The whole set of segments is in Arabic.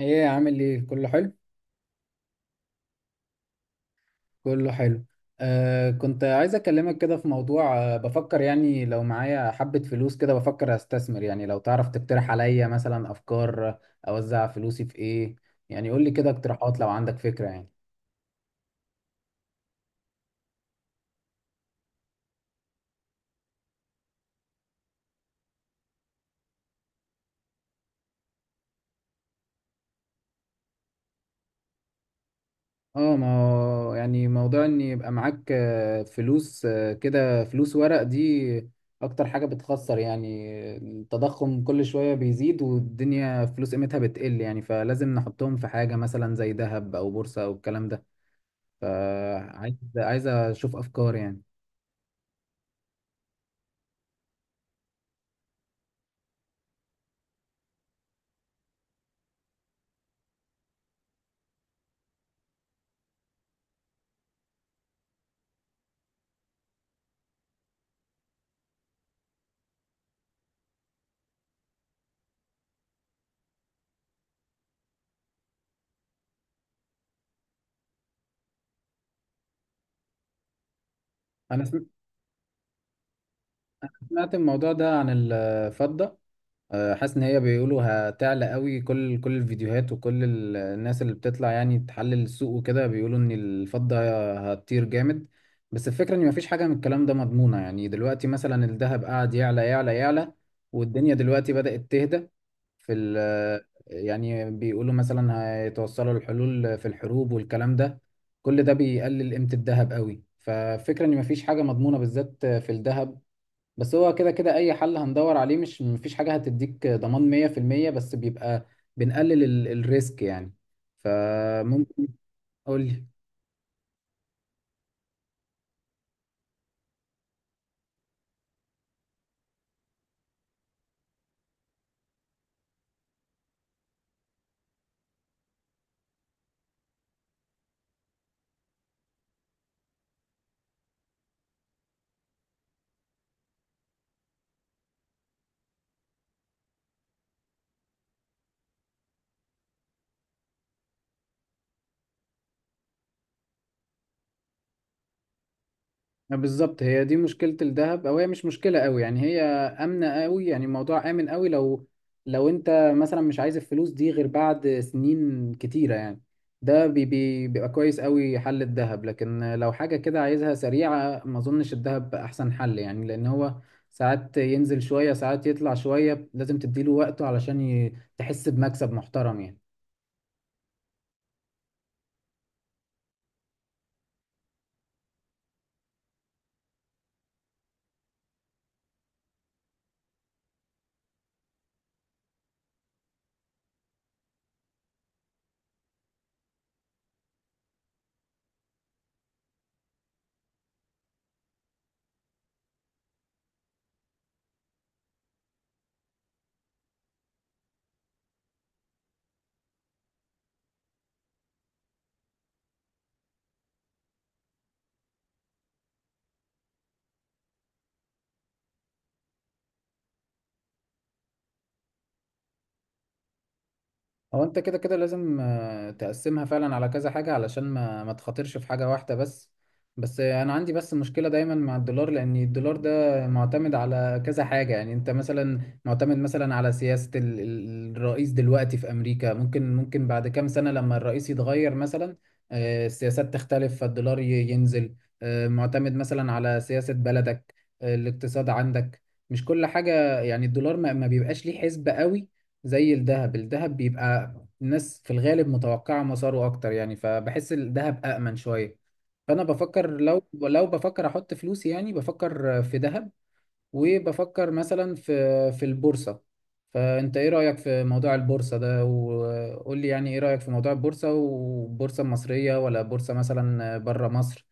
ايه عامل ايه؟ كله حلو. كله حلو. كنت عايز اكلمك كده في موضوع، بفكر يعني لو معايا حبة فلوس كده بفكر استثمر. يعني لو تعرف تقترح عليا مثلا افكار، اوزع فلوسي في ايه. يعني قول لي كده اقتراحات لو عندك فكرة يعني. اه، ما هو يعني موضوع ان يبقى معاك فلوس، كده، فلوس ورق دي اكتر حاجة بتخسر يعني. التضخم كل شوية بيزيد والدنيا فلوس قيمتها بتقل يعني، فلازم نحطهم في حاجة مثلا زي ذهب او بورصة او الكلام ده. فعايز اشوف افكار يعني. انا سمعت الموضوع ده عن الفضة، حاسس ان هي بيقولوا هتعلى قوي. كل الفيديوهات وكل الناس اللي بتطلع يعني تحلل السوق وكده بيقولوا ان الفضة هتطير جامد. بس الفكرة ان مفيش حاجة من الكلام ده مضمونة. يعني دلوقتي مثلا الذهب قاعد يعلى يعلى يعلى والدنيا دلوقتي بدأت تهدى في يعني بيقولوا مثلا هيتوصلوا للحلول في الحروب والكلام ده. كل ده بيقلل قيمة الذهب قوي، ففكرة ان مفيش حاجة مضمونة بالذات في الذهب. بس هو كده كده اي حل هندور عليه، مش مفيش حاجة هتديك ضمان 100%، بس بيبقى بنقلل الريسك يعني. فممكن قول لي. ما بالظبط هي دي مشكلة الذهب، او هي مش مشكلة قوي يعني، هي آمنة قوي. يعني الموضوع آمن قوي لو انت مثلا مش عايز الفلوس دي غير بعد سنين كتيرة يعني. ده بي بي بيبقى كويس قوي حل الذهب، لكن لو حاجة كده عايزها سريعة ما اظنش الذهب احسن حل يعني، لان هو ساعات ينزل شوية ساعات يطلع شوية، لازم تديله وقته علشان تحس بمكسب محترم يعني. هو انت كده كده لازم، تقسمها فعلا على كذا حاجة علشان ما تخاطرش في حاجة واحدة بس. بس انا عندي بس مشكلة دايما مع الدولار، لان الدولار ده معتمد على كذا حاجة. يعني انت مثلا معتمد مثلا على سياسة الرئيس دلوقتي في امريكا. ممكن بعد كام سنة لما الرئيس يتغير مثلا، السياسات تختلف فالدولار ينزل. معتمد مثلا على سياسة بلدك، الاقتصاد عندك، مش كل حاجة. يعني الدولار ما بيبقاش ليه حسبة قوي زي الذهب. الذهب بيبقى الناس في الغالب متوقعة مساره أكتر يعني، فبحس الذهب أأمن شوية. فأنا بفكر لو بفكر أحط فلوسي، يعني بفكر في ذهب، وبفكر مثلا في في البورصة. فأنت إيه رأيك في موضوع البورصة ده؟ وقول لي يعني إيه رأيك في موضوع البورصة، والبورصة المصرية ولا بورصة مثلا بره مصر؟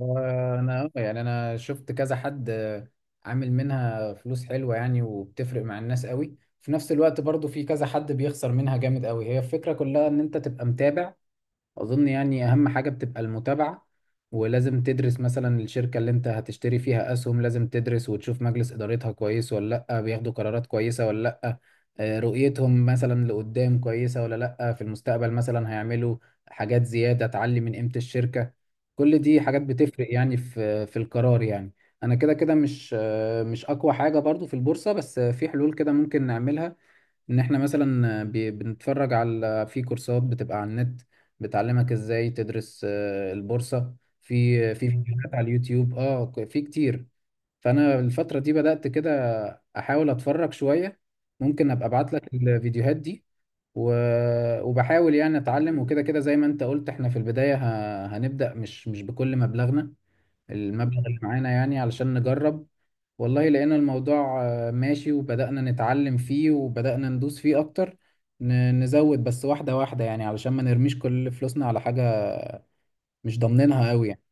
انا يعني انا شفت كذا حد، عامل منها فلوس حلوه يعني، وبتفرق مع الناس قوي. في نفس الوقت برضو في كذا حد بيخسر منها جامد قوي. هي الفكره كلها ان انت تبقى متابع. اظن يعني اهم حاجة بتبقى المتابعة. ولازم تدرس مثلا الشركة اللي انت هتشتري فيها اسهم، لازم تدرس وتشوف مجلس ادارتها كويس ولا لا، بياخدوا قرارات كويسة ولا لا، رؤيتهم مثلا لقدام كويسة ولا لا، في المستقبل مثلا هيعملوا حاجات زيادة تعلي من قيمة الشركة. كل دي حاجات بتفرق يعني في في القرار يعني. انا كده كده مش، مش اقوى حاجة برضو في البورصة، بس في حلول كده ممكن نعملها. ان احنا مثلا بنتفرج على في كورسات بتبقى على النت بتعلمك ازاي تدرس البورصة. في في فيديوهات على اليوتيوب، اه، في كتير. فانا الفترة دي بدأت كده احاول اتفرج شوية. ممكن ابقى ابعت لك الفيديوهات دي. وبحاول يعني اتعلم. وكده كده زي ما انت قلت احنا في البداية هنبدأ مش بكل مبلغنا، المبلغ اللي معانا يعني، علشان نجرب. والله لقينا الموضوع، ماشي، وبدأنا نتعلم فيه وبدأنا ندوس فيه أكتر. نزود بس واحدة واحدة يعني علشان ما نرميش كل فلوسنا على حاجة مش ضامنينها قوي يعني.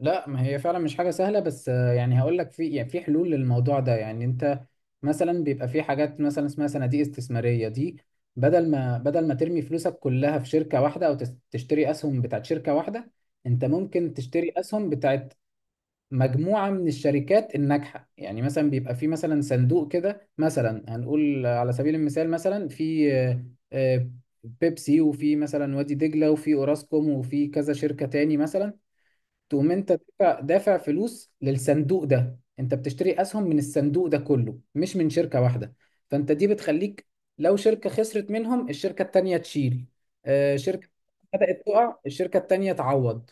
لا، ما هي فعلا مش حاجة سهلة، بس يعني هقول لك، في يعني في حلول للموضوع ده. يعني أنت مثلا بيبقى في حاجات مثلا اسمها صناديق استثمارية. دي بدل ما ترمي فلوسك كلها في شركة واحدة أو تشتري أسهم بتاعت شركة واحدة، أنت ممكن تشتري أسهم بتاعت مجموعة من الشركات الناجحة. يعني مثلا بيبقى في مثلا صندوق كده، مثلا هنقول على سبيل المثال، مثلا في آه، بيبسي، وفي مثلا وادي دجلة، وفي اوراسكوم، وفي كذا شركة تاني مثلا. تقوم انت دافع فلوس للصندوق ده. انت بتشتري اسهم من الصندوق ده كله، مش من شركة واحدة. فانت دي بتخليك، لو شركة خسرت منهم الشركة التانية تشيل. شركة بدأت تقع، الشركة التانية تعوض،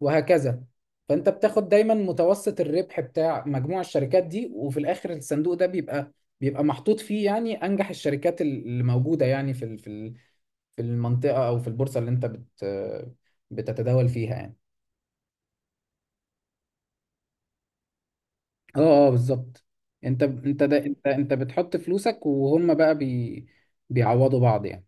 وهكذا. فانت بتاخد دايما متوسط الربح بتاع مجموع الشركات دي، وفي الاخر الصندوق ده بيبقى محطوط فيه يعني انجح الشركات اللي موجودة يعني في في المنطقة او في البورصة اللي انت بتتداول فيها يعني. اه، اه، بالظبط. انت بتحط فلوسك، وهم بقى بيعوضوا بعض يعني.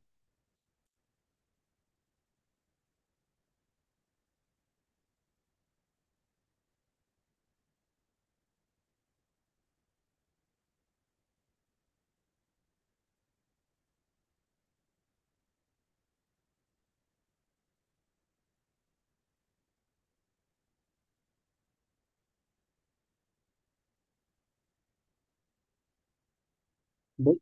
بص،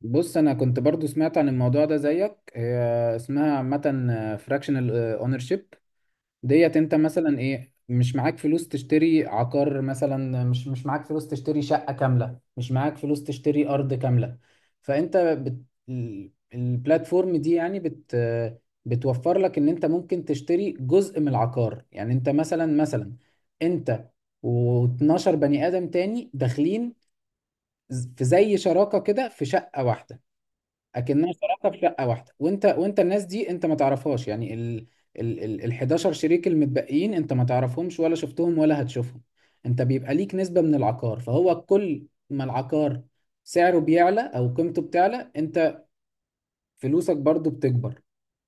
انا كنت برضو سمعت عن الموضوع ده زيك. هي اسمها عامه فراكشنال اونرشيب. ديت انت مثلا ايه، مش معاك فلوس تشتري عقار مثلا، مش معاك فلوس تشتري شقة كاملة، مش معاك فلوس تشتري أرض كاملة. فانت البلاتفورم دي يعني بتوفر لك ان انت ممكن تشتري جزء من العقار. يعني انت مثلا انت و12 بني آدم تاني داخلين في زي شراكة كده في شقة واحدة. اكنها شراكه في شقه واحده. وانت الناس دي انت ما تعرفهاش يعني. ال ال ال ال 11 شريك المتبقيين انت ما تعرفهمش ولا شفتهم ولا هتشوفهم. انت بيبقى ليك نسبه من العقار، فهو كل ما العقار سعره بيعلى او قيمته بتعلى، انت فلوسك برضو بتكبر.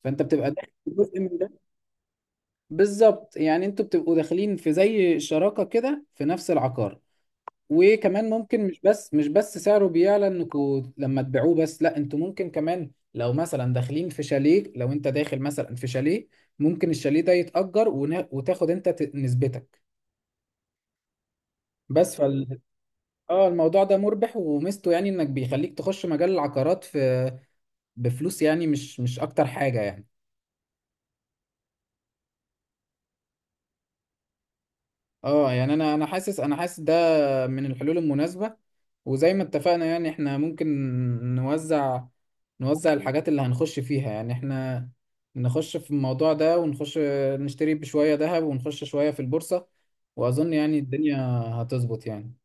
فانت بتبقى داخل في جزء من ده. بالظبط، يعني انتوا بتبقوا داخلين في زي شراكه كده في نفس العقار. وكمان ممكن مش بس سعره بيعلى انكوا لما تبيعوه، بس لا، انتوا ممكن كمان لو مثلا داخلين في شاليه، لو انت داخل مثلا في شاليه ممكن الشاليه ده يتأجر، وتاخد انت نسبتك. بس اه، الموضوع ده مربح، وميزته يعني انك بيخليك تخش مجال العقارات بفلوس يعني، مش اكتر حاجة يعني. اه يعني، انا انا حاسس من الحلول المناسبة. وزي ما اتفقنا يعني احنا ممكن نوزع، الحاجات اللي هنخش فيها. يعني احنا نخش في الموضوع ده ونخش نشتري بشوية ذهب، ونخش شوية في البورصة، وأظن يعني الدنيا هتظبط يعني.